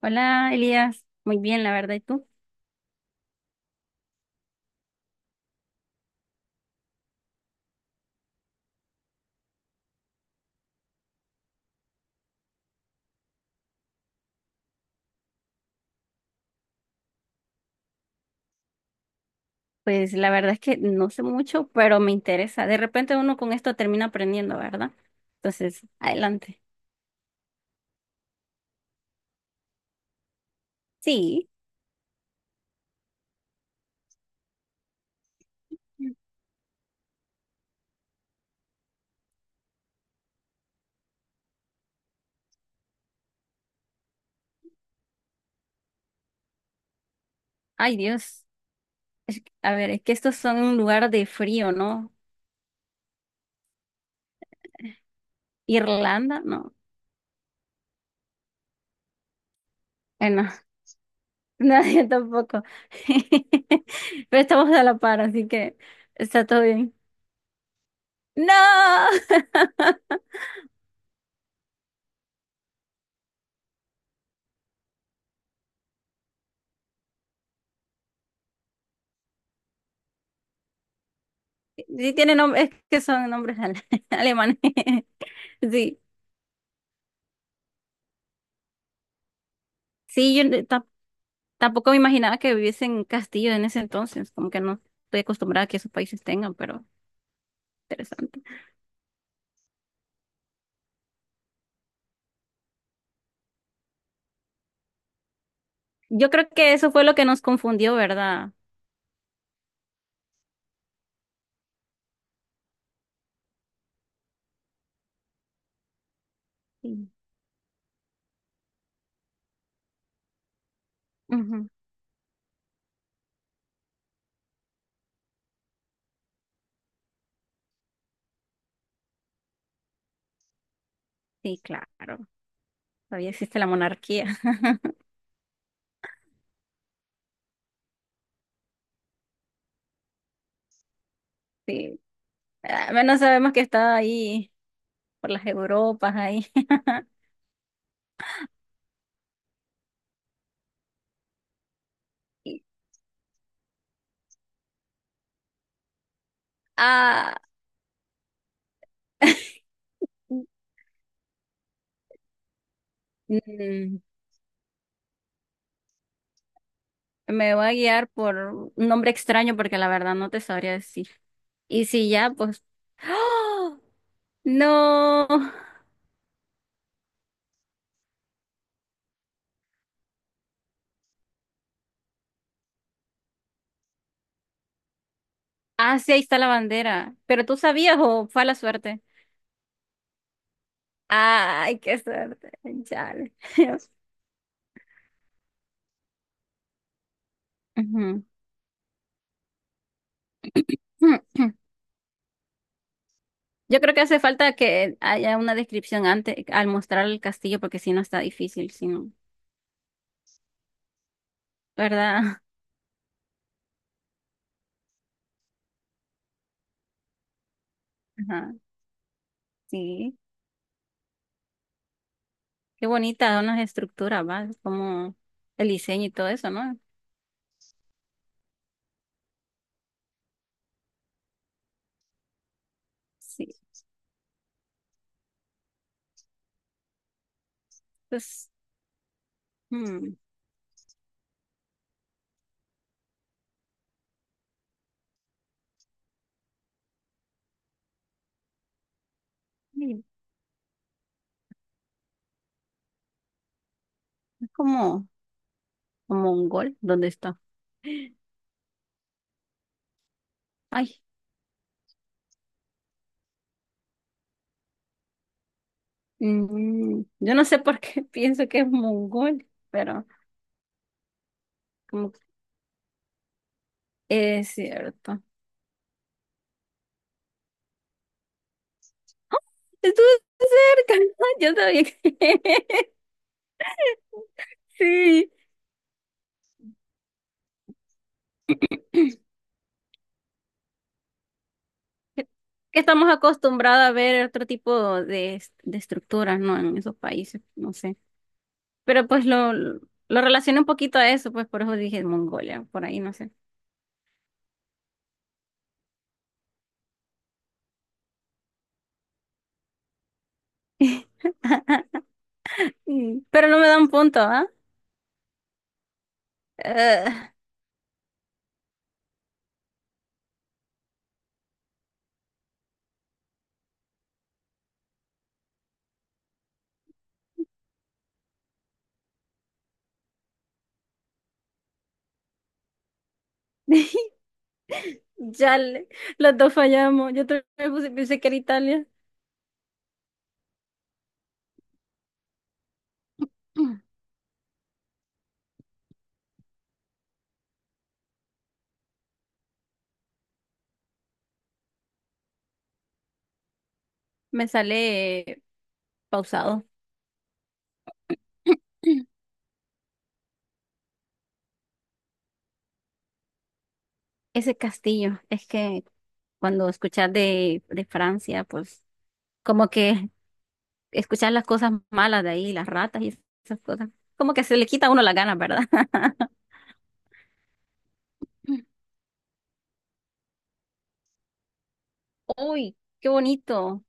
Hola, Elías. Muy bien, la verdad. ¿Y tú? Pues la verdad es que no sé mucho, pero me interesa. De repente uno con esto termina aprendiendo, ¿verdad? Entonces, adelante. Sí. Ay, Dios. A ver, es que estos son un lugar de frío, ¿no? Irlanda, no. Bueno, nadie tampoco. Pero estamos a la par, así que está todo bien. ¡No! Sí tiene nombre, es que son nombres alemanes. Sí. Sí, yo no- Tampoco me imaginaba que viviesen en castillo en ese entonces, como que no estoy acostumbrada a que esos países tengan, pero interesante. Yo creo que eso fue lo que nos confundió, ¿verdad? Sí. Ujú. Sí, claro. Todavía existe la monarquía. Sí. Al menos sabemos que está ahí por las Europas ahí. Y- Ah, mm, me voy a guiar por un nombre extraño porque la verdad no te sabría decir. Y si ya, pues ¡Oh! No. Ah, sí, ahí está la bandera. ¿Pero tú sabías o fue a la suerte? Ay, qué suerte. Chale. Ujú. Yo creo que hace falta que haya una descripción antes al mostrar el castillo, porque si no está difícil, si no, ¿verdad? Ajá, sí. Qué bonita son las estructuras, ¿va? Como el diseño y todo eso, ¿no? Sí. Pues, mm, sí, es como, como mongol. ¿Dónde está? Ay, yo no sé por qué pienso que es mongol, pero como Es cierto. Estuve cerca. Yo sabía que sí. Que estamos acostumbrados a ver otro tipo de estructuras, ¿no? En esos países, no sé. Pero pues lo relacioné un poquito a eso, pues por eso dije Mongolia, por ahí, no sé. Mm, pero no me dan punto, ¿ah? Eh, ya le- los dos fallamos. Pensé que era Italia. Me sale pausado. Ese castillo, es que cuando escuchas de Francia, pues como que escuchar las cosas malas de ahí, las ratas y esas cosas, como que se le quita a uno las ganas, ¿verdad? Uy, qué bonito.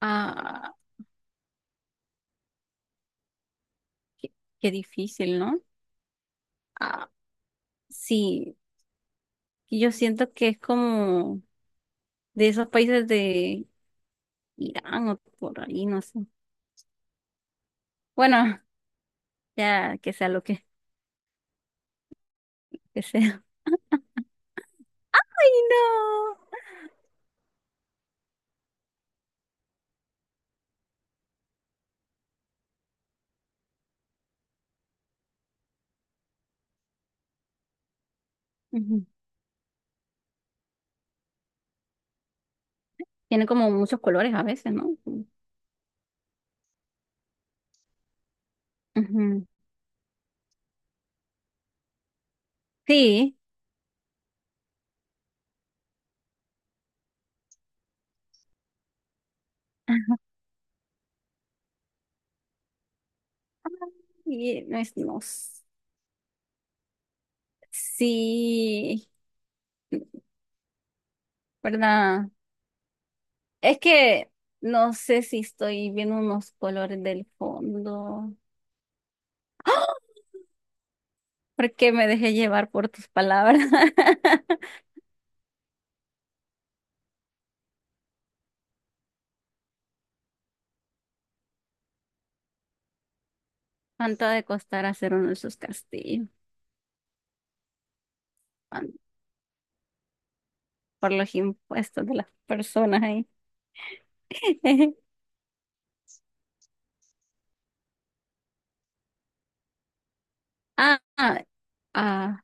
Ah, qué, qué difícil, ¿no? Ah, sí, y yo siento que es como de esos países de Irán o por ahí, no sé. Bueno, ya que sea lo que sea. ¡Ay, no! Ujú. Tiene como muchos colores a veces, ¿no? Ujú. Sí. Y no es, no, s- Sí, ¿verdad? Es que no sé si estoy viendo unos colores del fondo. Porque me dejé llevar por tus palabras. ¿Cuánto ha de costar hacer uno de esos castillos? ¿Cuán- Por los impuestos de las personas ahí. Ah, ah, ah.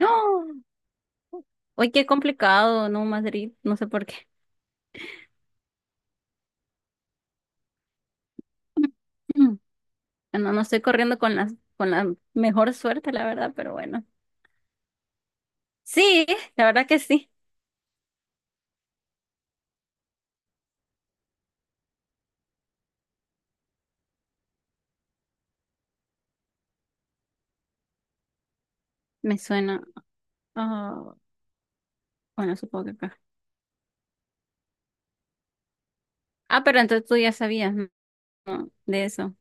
¡Oh! Oye, qué complicado, ¿no, Madrid? No sé por qué. Bueno, no estoy corriendo con con la mejor suerte, la verdad, pero bueno. Sí, la verdad que sí. Me suena. Ah, bueno, supongo que acá. Ah, pero entonces tú ya sabías, ¿no? No, de eso.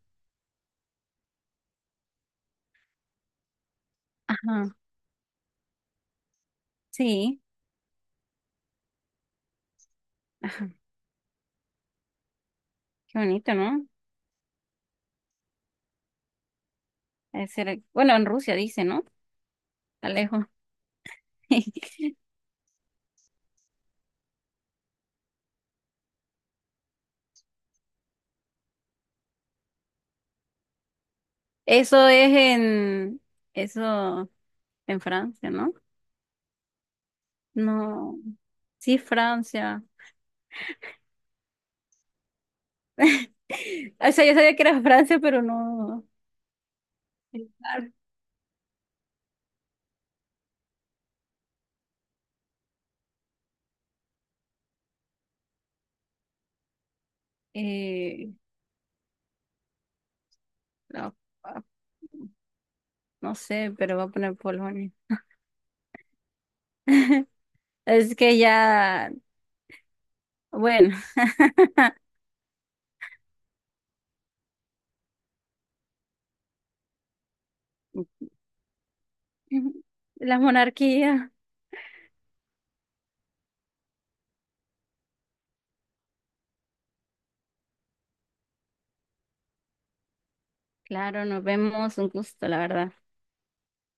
Ajá. Sí, qué bonito, ¿no? Debe ser- Bueno, en Rusia dice, ¿no? Alejo, Eso es en. Eso en Francia, ¿no? No. Sí, Francia. O sea, yo sabía que era Francia, pero no. Eh, no, no sé, pero voy a poner Polonia. Es que ya. Bueno. Ujú. La monarquía. Claro, nos vemos, un gusto, la verdad.